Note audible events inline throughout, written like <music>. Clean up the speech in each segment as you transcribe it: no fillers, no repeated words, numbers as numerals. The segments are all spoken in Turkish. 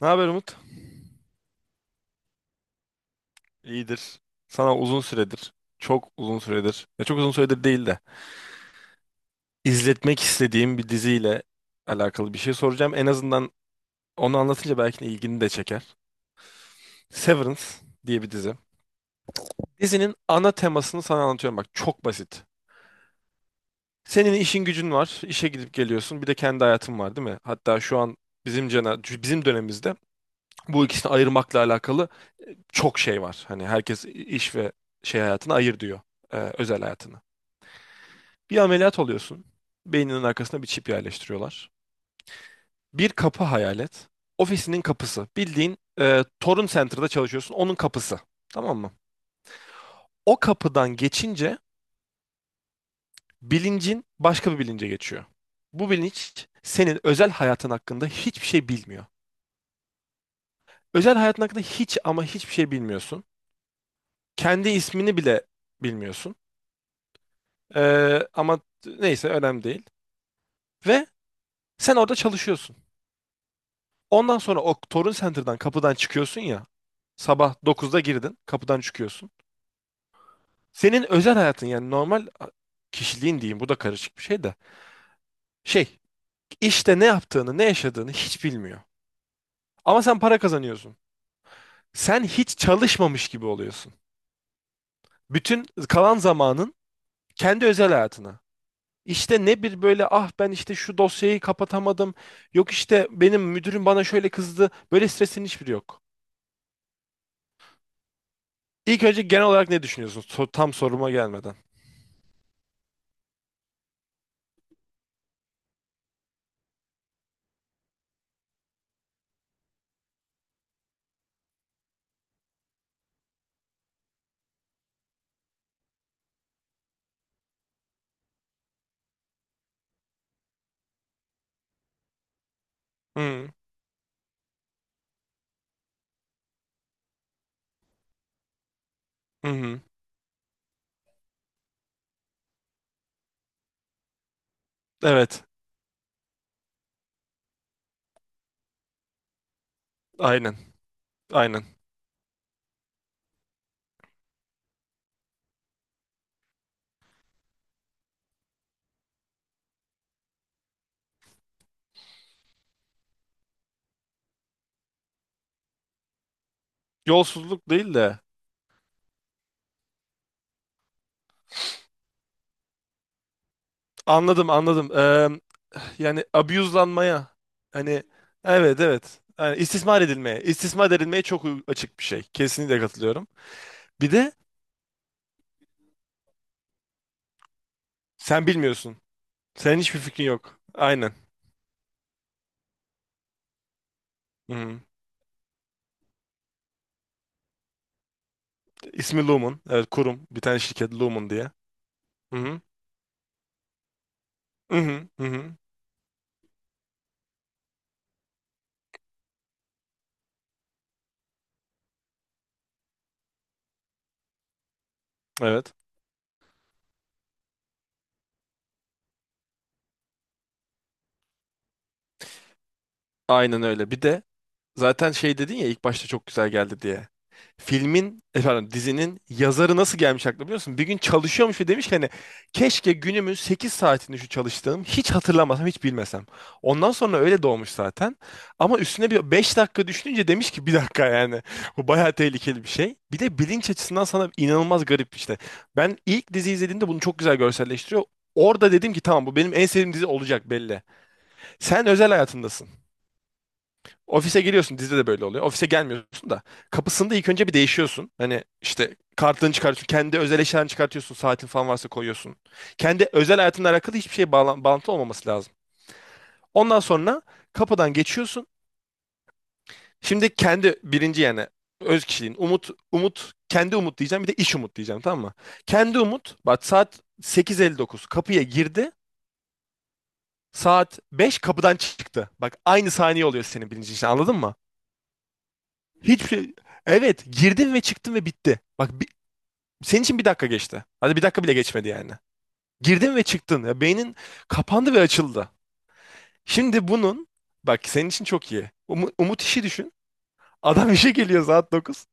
Ne haber Umut? İyidir. Sana uzun süredir, çok uzun süredir, ya çok uzun süredir değil de izletmek istediğim bir diziyle alakalı bir şey soracağım. En azından onu anlatınca belki de ilgini de çeker. Severance diye bir dizi. Dizinin ana temasını sana anlatıyorum, bak çok basit. Senin işin gücün var, işe gidip geliyorsun. Bir de kendi hayatın var, değil mi? Hatta şu an bizim dönemimizde bu ikisini ayırmakla alakalı çok şey var. Hani herkes iş ve şey hayatını ayır diyor, özel hayatını. Bir ameliyat oluyorsun. Beyninin arkasına bir çip yerleştiriyorlar. Bir kapı hayal et. Ofisinin kapısı. Bildiğin, Torun Center'da çalışıyorsun. Onun kapısı. Tamam mı? O kapıdan geçince bilincin başka bir bilince geçiyor. Bu bilinç senin özel hayatın hakkında hiçbir şey bilmiyor. Özel hayatın hakkında hiç ama hiçbir şey bilmiyorsun. Kendi ismini bile bilmiyorsun. E, ama neyse önemli değil. Ve sen orada çalışıyorsun. Ondan sonra o Torun Center'dan kapıdan çıkıyorsun ya. Sabah dokuzda girdin, kapıdan çıkıyorsun. Senin özel hayatın, yani normal kişiliğin diyeyim, bu da karışık bir şey de. Şey, işte ne yaptığını, ne yaşadığını hiç bilmiyor. Ama sen para kazanıyorsun. Sen hiç çalışmamış gibi oluyorsun. Bütün kalan zamanın kendi özel hayatına. İşte ne bir böyle ah ben işte şu dosyayı kapatamadım. Yok işte benim müdürüm bana şöyle kızdı. Böyle stresin hiçbiri yok. İlk önce genel olarak ne düşünüyorsun? Tam soruma gelmeden. Hı hı. Hı. Evet. Aynen. Aynen. Yolsuzluk değil de. Anladım, anladım. Yani abuse'lanmaya, hani, evet, evet, yani istismar edilmeye, istismar edilmeye çok açık bir şey. Kesinlikle katılıyorum. Bir de sen bilmiyorsun. Senin hiçbir fikrin yok. Aynen. Hı hı. İsmi Lumen. Evet, kurum. Bir tane şirket, Lumen diye. Hı hı. Hı hı. Hı hı. Evet. Aynen öyle. Bir de zaten şey dedin ya, ilk başta çok güzel geldi diye. Filmin, efendim dizinin yazarı nasıl gelmiş aklına biliyor musun? Bir gün çalışıyormuş ve demiş ki hani keşke günümün 8 saatini şu çalıştığım hiç hatırlamasam, hiç bilmesem. Ondan sonra öyle doğmuş zaten. Ama üstüne bir 5 dakika düşününce demiş ki bir dakika, yani <laughs> bu bayağı tehlikeli bir şey. Bir de bilinç açısından sana inanılmaz garip işte. Ben ilk dizi izlediğimde bunu çok güzel görselleştiriyor. Orada dedim ki, tamam, bu benim en sevdiğim dizi olacak belli. Sen özel hayatındasın. Ofise geliyorsun, dizide de böyle oluyor. Ofise gelmiyorsun da kapısında ilk önce bir değişiyorsun. Hani işte kartını çıkartıyorsun. Kendi özel eşyalarını çıkartıyorsun. Saatin falan varsa koyuyorsun. Kendi özel hayatınla alakalı hiçbir şey bağlantı olmaması lazım. Ondan sonra kapıdan geçiyorsun. Şimdi kendi birinci, yani öz kişiliğin. Umut, Umut, kendi Umut diyeceğim, bir de iş Umut diyeceğim, tamam mı? Kendi Umut, bak saat sekiz elli dokuz kapıya girdi. Saat 5 kapıdan çıktı. Bak aynı saniye oluyor senin birinci işin, anladın mı? Hiçbir şey... Evet, girdin ve çıktın ve bitti. Bak senin için bir dakika geçti. Hadi bir dakika bile geçmedi, yani. Girdin ve çıktın. Ya, beynin kapandı ve açıldı. Şimdi bunun, bak senin için çok iyi. Umut işi düşün. Adam işe geliyor saat 9.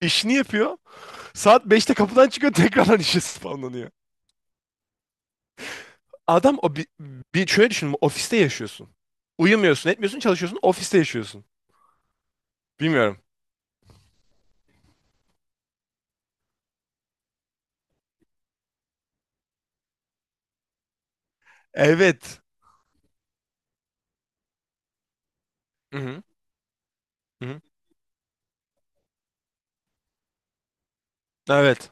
İşini yapıyor. Saat beşte kapıdan çıkıyor <laughs> tekrardan işe spamlanıyor. Adam o bir şöyle düşün. Ofiste yaşıyorsun. Uyumuyorsun, etmiyorsun, çalışıyorsun. Ofiste yaşıyorsun. Bilmiyorum. Evet. Hı hı. Hı hı. Evet.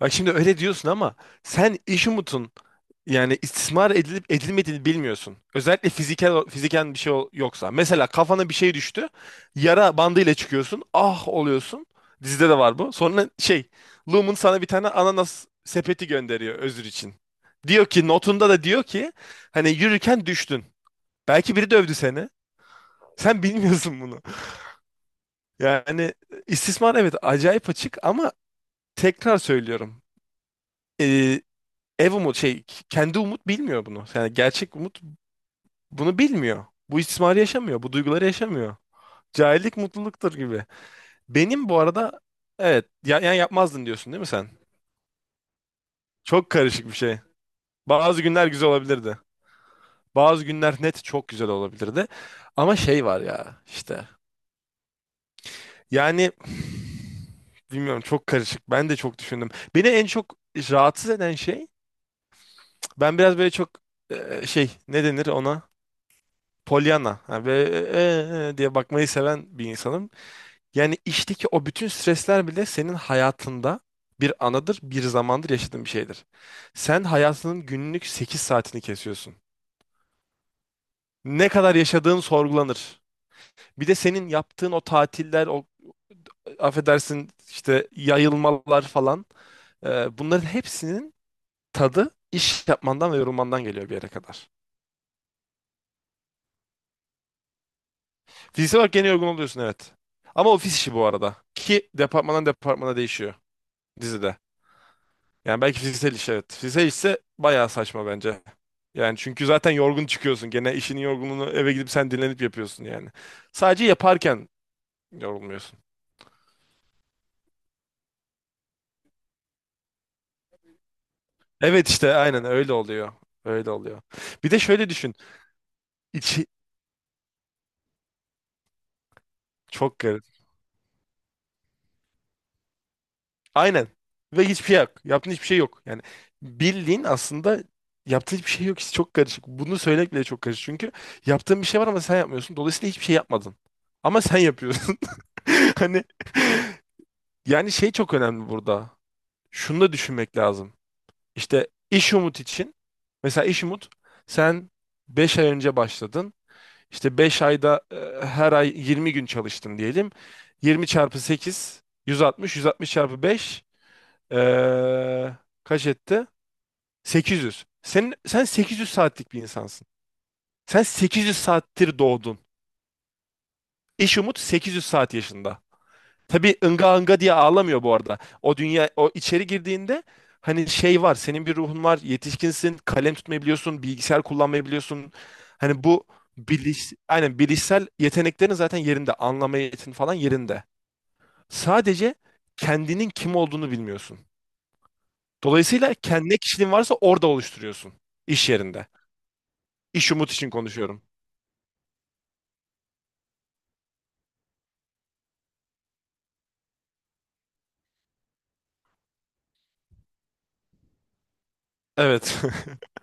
Bak şimdi öyle diyorsun ama sen iş umutun, yani istismar edilip edilmediğini bilmiyorsun. Özellikle fiziken bir şey yoksa. Mesela kafana bir şey düştü. Yara bandıyla çıkıyorsun. Ah oluyorsun. Dizide de var bu. Sonra şey, Lumen sana bir tane ananas sepeti gönderiyor özür için. Diyor ki, notunda da diyor ki hani yürürken düştün. Belki biri dövdü seni. Sen bilmiyorsun bunu. Yani istismar, evet, acayip açık, ama tekrar söylüyorum. Ee, ev umut şey, kendi umut bilmiyor bunu. Yani gerçek umut bunu bilmiyor. Bu istismarı yaşamıyor. Bu duyguları yaşamıyor. Cahillik mutluluktur gibi. Benim bu arada evet ya, yani yapmazdın diyorsun değil mi sen? Çok karışık bir şey. Bazı günler güzel olabilirdi. Bazı günler net çok güzel olabilirdi. Ama şey var ya işte. Yani bilmiyorum, çok karışık. Ben de çok düşündüm. Beni en çok rahatsız eden şey, ben biraz böyle çok, şey, ne denir ona? Pollyanna. Yani böyle, e diye bakmayı seven bir insanım. Yani işteki o bütün stresler bile senin hayatında bir anıdır, bir zamandır, yaşadığın bir şeydir. Sen hayatının günlük 8 saatini kesiyorsun. Ne kadar yaşadığın sorgulanır. Bir de senin yaptığın o tatiller, o affedersin işte yayılmalar falan, bunların hepsinin tadı iş yapmandan ve yorulmandan geliyor bir yere kadar. Fiziksel olarak gene yorgun oluyorsun, evet. Ama ofis işi bu arada. Ki departmandan departmana değişiyor dizide. Yani belki fiziksel iş, evet. Fiziksel işse bayağı saçma bence. Yani çünkü zaten yorgun çıkıyorsun. Gene işinin yorgunluğunu eve gidip sen dinlenip yapıyorsun, yani. Sadece yaparken yorulmuyorsun. Evet işte aynen öyle oluyor. Öyle oluyor. Bir de şöyle düşün. İçi çok garip. Aynen. Ve hiçbir şey yok. Yaptığın hiçbir şey yok. Yani bildiğin aslında yaptığın hiçbir şey yok. İşte çok karışık. Bunu söylemek bile çok karışık. Çünkü yaptığın bir şey var ama sen yapmıyorsun. Dolayısıyla hiçbir şey yapmadın. Ama sen yapıyorsun. <laughs> Hani, yani şey çok önemli burada. Şunu da düşünmek lazım. İşte iş umut için, mesela iş umut, sen 5 ay önce başladın. İşte 5 ayda, her ay 20 gün çalıştın diyelim. 20 çarpı sekiz, yüz altmış. Yüz altmış çarpı 5, e, kaç etti? 800. Senin, sen 800 saatlik bir insansın. Sen 800 saattir doğdun. İş umut 800 saat yaşında. Tabii ınga ınga diye ağlamıyor bu arada. O dünya o içeri girdiğinde hani şey var. Senin bir ruhun var. Yetişkinsin. Kalem tutmayı biliyorsun. Bilgisayar kullanmayı biliyorsun. Hani bu aynen, bilişsel yeteneklerin zaten yerinde. Anlama yetin falan yerinde. Sadece kendinin kim olduğunu bilmiyorsun. Dolayısıyla kendi ne kişiliğin varsa orada oluşturuyorsun. İş yerinde. İş umut için konuşuyorum. Evet. <laughs>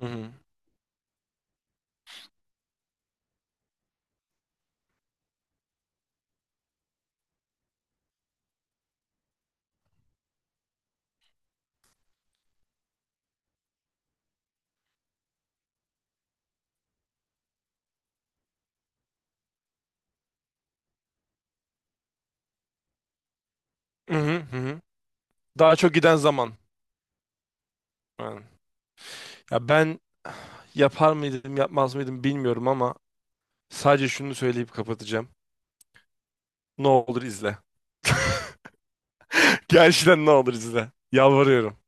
Hı hı. Hı hı, hı hı. Daha çok giden zaman. Ya ben yapar mıydım, yapmaz mıydım bilmiyorum ama sadece şunu söyleyip kapatacağım. Ne olur izle. <laughs> Gerçekten ne olur izle. Yalvarıyorum.